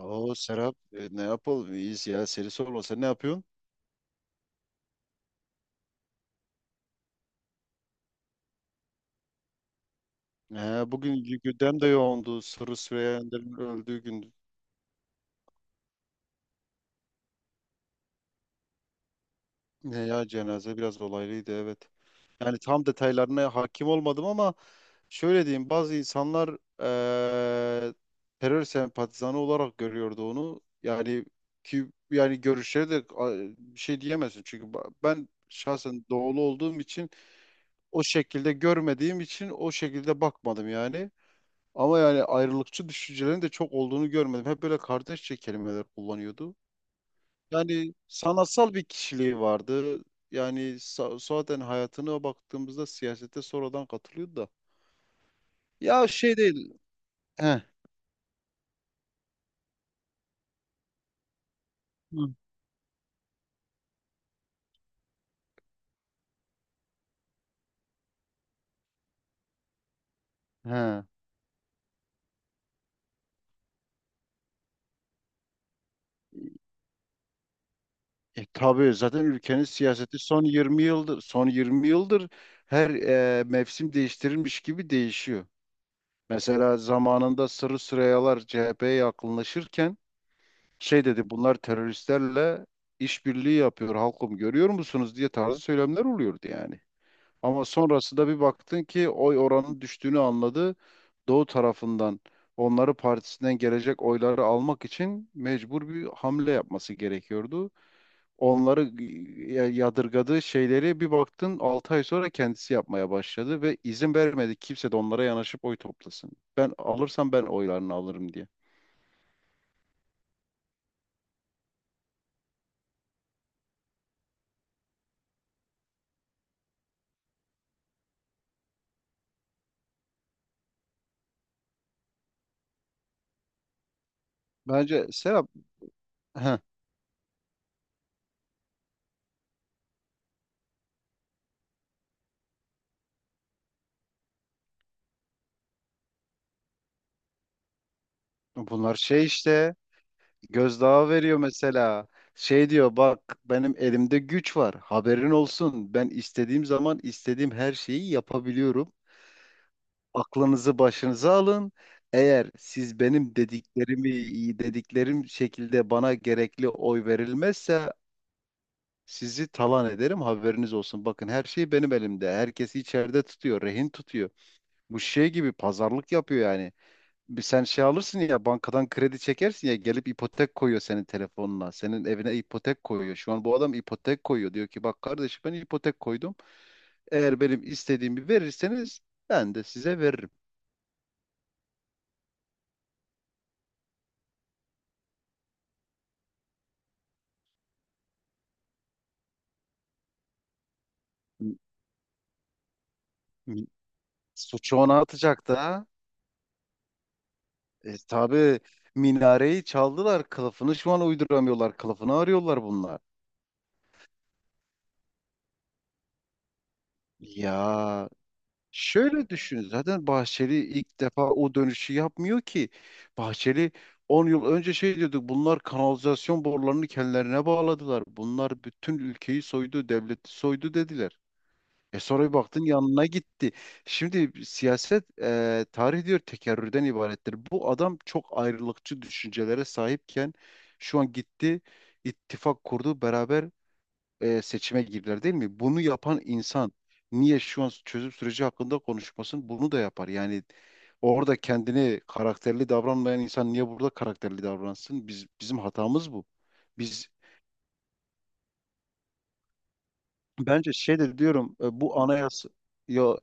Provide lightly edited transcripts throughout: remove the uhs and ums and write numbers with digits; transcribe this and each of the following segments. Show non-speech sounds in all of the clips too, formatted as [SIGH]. Oo Serap, ne yapalım iyiyiz ya, seni sorma, sen ne yapıyorsun? He, bugün gündem de yoğundu. Sırrı Süreyya Önder'in öldüğü gün ne ya, cenaze biraz olaylıydı, evet. Yani tam detaylarına hakim olmadım ama şöyle diyeyim, bazı insanlar eee, terör sempatizanı olarak görüyordu onu. Yani ki yani görüşleri de, bir şey diyemezsin çünkü ben şahsen doğulu olduğum için, o şekilde görmediğim için o şekilde bakmadım yani. Ama yani ayrılıkçı düşüncelerin de çok olduğunu görmedim. Hep böyle kardeşçe kelimeler kullanıyordu. Yani sanatsal bir kişiliği vardı. Yani zaten hayatına baktığımızda siyasete sonradan katılıyordu da. Ya şey değil. He. Hı. He. E, tabii zaten ülkenin siyaseti son 20 yıldır, son 20 yıldır her mevsim değiştirilmiş gibi değişiyor. Mesela zamanında Sırrı Süreyyalar CHP'ye yakınlaşırken şey dedi, bunlar teröristlerle işbirliği yapıyor, halkım görüyor musunuz diye, tarzı söylemler oluyordu yani. Ama sonrasında bir baktın ki oy oranının düştüğünü anladı. Doğu tarafından onları, partisinden gelecek oyları almak için mecbur bir hamle yapması gerekiyordu. Onları yadırgadığı şeyleri bir baktın 6 ay sonra kendisi yapmaya başladı ve izin vermedi kimse de onlara yanaşıp oy toplasın. Ben alırsam ben oylarını alırım diye. Bence Serap, heh, bunlar şey işte, gözdağı veriyor mesela. Şey diyor, bak benim elimde güç var, haberin olsun. Ben istediğim zaman istediğim her şeyi yapabiliyorum. Aklınızı başınıza alın. Eğer siz benim dediklerimi, dediklerim şekilde bana gerekli oy verilmezse sizi talan ederim, haberiniz olsun. Bakın her şey benim elimde. Herkesi içeride tutuyor, rehin tutuyor. Bu şey gibi pazarlık yapıyor yani, bir sen şey alırsın ya, bankadan kredi çekersin ya, gelip ipotek koyuyor senin telefonuna. Senin evine ipotek koyuyor. Şu an bu adam ipotek koyuyor. Diyor ki bak kardeşim, ben ipotek koydum. Eğer benim istediğimi verirseniz ben de size veririm. M- m- Suçu ona atacak da. E, tabii minareyi çaldılar, kılıfını şu an uyduramıyorlar. Kılıfını arıyorlar bunlar. Ya şöyle düşün, zaten Bahçeli ilk defa o dönüşü yapmıyor ki. Bahçeli 10 yıl önce şey diyorduk, bunlar kanalizasyon borularını kendilerine bağladılar, bunlar bütün ülkeyi soydu, devleti soydu dediler. E sonra bir baktın yanına gitti. Şimdi siyaset, tarih diyor, tekerrürden ibarettir. Bu adam çok ayrılıkçı düşüncelere sahipken şu an gitti, ittifak kurdu, beraber seçime girdiler değil mi? Bunu yapan insan niye şu an çözüm süreci hakkında konuşmasın? Bunu da yapar. Yani orada kendini karakterli davranmayan insan niye burada karakterli davransın? Bizim hatamız bu. Biz bence şey de diyorum, bu anayasa ya,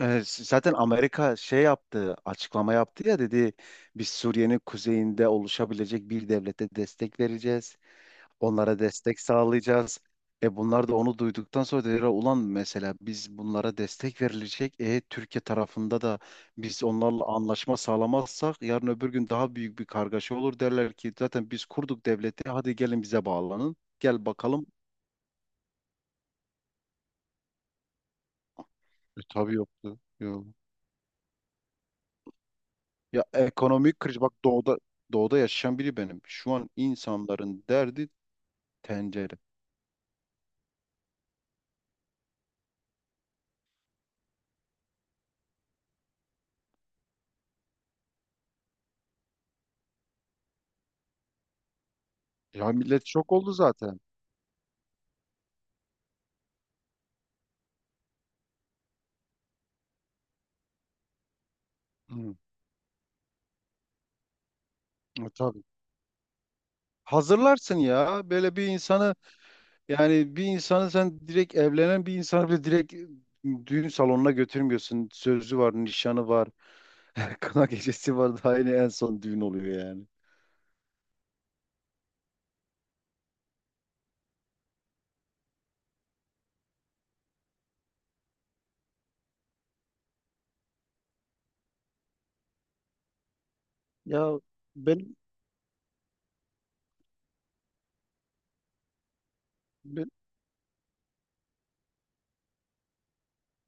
zaten Amerika şey yaptı, açıklama yaptı ya, dedi biz Suriye'nin kuzeyinde oluşabilecek bir devlete destek vereceğiz, onlara destek sağlayacağız. E bunlar da onu duyduktan sonra dediler, ulan mesela biz bunlara destek verilecek. E Türkiye tarafında da biz onlarla anlaşma sağlamazsak yarın öbür gün daha büyük bir kargaşa olur, derler ki zaten biz kurduk devleti, hadi gelin bize bağlanın. Gel bakalım. E, tabii yoktu. Yok. Ya ekonomik kriz, bak doğuda yaşayan biri benim. Şu an insanların derdi tencere. Ya millet şok oldu zaten. Hı, tabii. Hazırlarsın ya böyle bir insanı. Yani bir insanı sen direkt, evlenen bir insanı bile direkt düğün salonuna götürmüyorsun. Sözü var, nişanı var, [LAUGHS] kına gecesi var. Daha yine en son düğün oluyor yani. Ya. ben, ben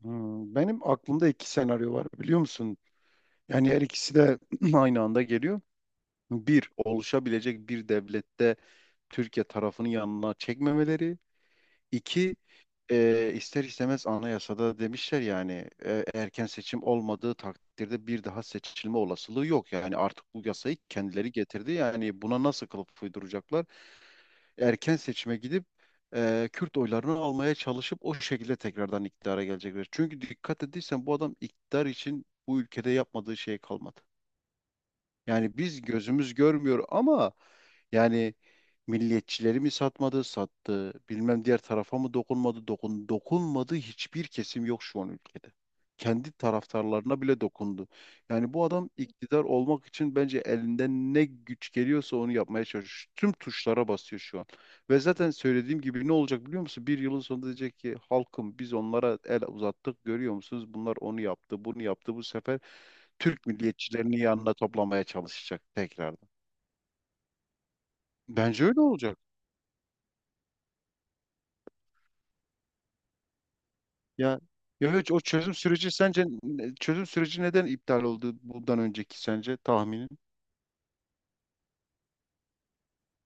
Benim aklımda iki senaryo var biliyor musun? Yani her ikisi de [CLEARS THROAT] aynı anda geliyor. Bir, oluşabilecek bir devlette Türkiye tarafını yanına çekmemeleri. İki, ister istemez anayasada demişler yani erken seçim olmadığı takdirde bir daha seçilme olasılığı yok. Yani artık bu yasayı kendileri getirdi. Yani buna nasıl kılıf uyduracaklar? Erken seçime gidip Kürt oylarını almaya çalışıp o şekilde tekrardan iktidara gelecekler. Çünkü dikkat ettiysen bu adam iktidar için bu ülkede yapmadığı şey kalmadı. Yani biz gözümüz görmüyor ama yani milliyetçileri mi satmadı, sattı, bilmem diğer tarafa mı dokunmadı, dokunmadı, hiçbir kesim yok şu an ülkede. Kendi taraftarlarına bile dokundu. Yani bu adam iktidar olmak için bence elinden ne güç geliyorsa onu yapmaya çalışıyor. Tüm tuşlara basıyor şu an. Ve zaten söylediğim gibi ne olacak biliyor musun? Bir yılın sonunda diyecek ki halkım, biz onlara el uzattık, görüyor musunuz? Bunlar onu yaptı, bunu yaptı bu sefer. Türk milliyetçilerini yanına toplamaya çalışacak tekrardan. Bence öyle olacak. Ya ya hiç o çözüm süreci sence, çözüm süreci neden iptal oldu bundan önceki, sence tahminin?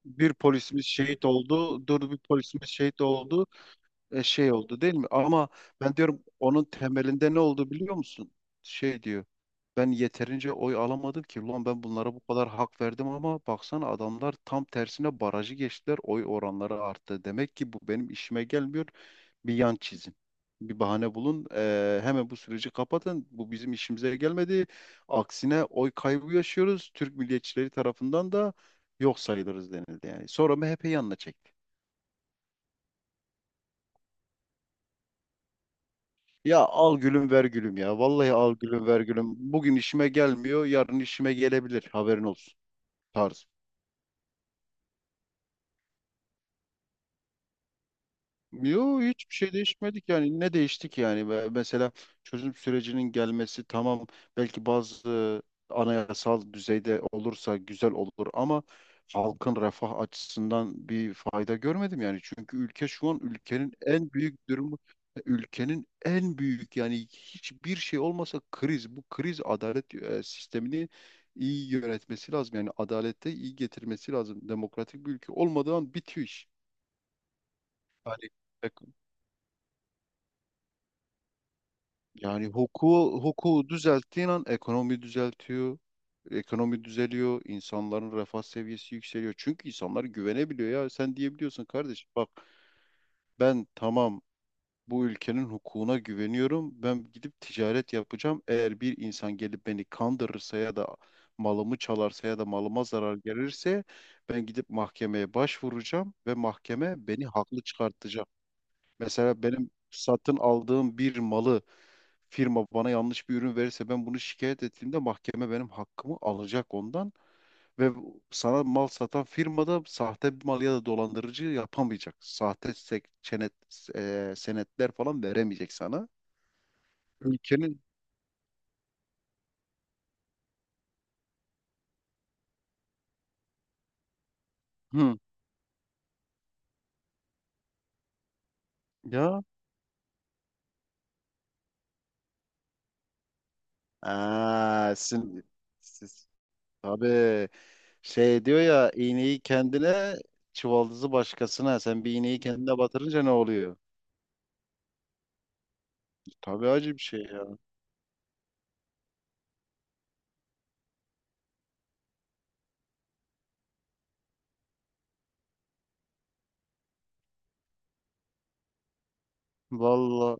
Bir polisimiz şehit oldu, dur, bir polisimiz şehit oldu, şey oldu değil mi? Ama ben diyorum onun temelinde ne oldu biliyor musun? Şey diyor, ben yeterince oy alamadım ki. Ulan ben bunlara bu kadar hak verdim ama baksana adamlar tam tersine barajı geçtiler, oy oranları arttı. Demek ki bu benim işime gelmiyor. Bir yan çizin. Bir bahane bulun. Hemen bu süreci kapatın. Bu bizim işimize gelmedi. Aksine oy kaybı yaşıyoruz. Türk milliyetçileri tarafından da yok sayılırız denildi yani. Sonra MHP yanına çekti. Ya al gülüm ver gülüm ya. Vallahi al gülüm ver gülüm. Bugün işime gelmiyor, yarın işime gelebilir, haberin olsun. Tarzı. Yo hiçbir şey değişmedik yani, ne değiştik yani. Ve mesela çözüm sürecinin gelmesi tamam, belki bazı anayasal düzeyde olursa güzel olur ama halkın refah açısından bir fayda görmedim yani, çünkü ülke şu an, ülkenin en büyük durumu, ülkenin en büyük, yani hiçbir şey olmasa kriz, bu kriz, adalet sistemini iyi yönetmesi lazım yani, adalete iyi getirmesi lazım, demokratik bir ülke olmadan bitiyor iş. Yani Yani hukuku düzelttiğin an ekonomi düzeltiyor. Ekonomi düzeliyor, insanların refah seviyesi yükseliyor. Çünkü insanlar güvenebiliyor ya. Sen diyebiliyorsun kardeş, bak ben tamam, bu ülkenin hukukuna güveniyorum, ben gidip ticaret yapacağım. Eğer bir insan gelip beni kandırırsa ya da malımı çalarsa ya da malıma zarar gelirse ben gidip mahkemeye başvuracağım ve mahkeme beni haklı çıkartacak. Mesela benim satın aldığım bir malı firma bana yanlış bir ürün verirse ben bunu şikayet ettiğimde mahkeme benim hakkımı alacak ondan, ve sana mal satan firma da sahte bir mal ya da dolandırıcı yapamayacak. Sahte senetler falan veremeyecek sana. Ülkenin hı. Ya. Aa, siz, tabii, şey diyor ya, iğneyi kendine çuvaldızı başkasına, sen bir iğneyi kendine batırınca ne oluyor? Tabii acı bir şey ya. Valla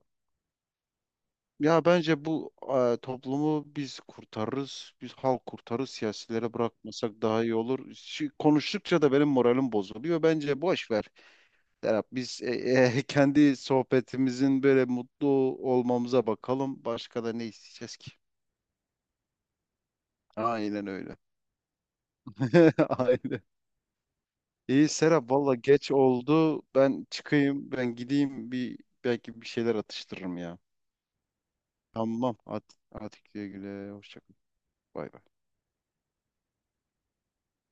ya, bence bu toplumu biz kurtarırız. Biz halk kurtarırız. Siyasilere bırakmasak daha iyi olur. Konuştukça da benim moralim bozuluyor. Bence boş ver. Serap, biz [LAUGHS] kendi sohbetimizin böyle mutlu olmamıza bakalım. Başka da ne isteyeceğiz ki? Aynen öyle. [LAUGHS] Aynen. İyi Serap, valla geç oldu. Ben çıkayım, ben gideyim, bir belki bir şeyler atıştırırım ya. Tamam. Atik güle güle. Hoşça kal. Bay bay.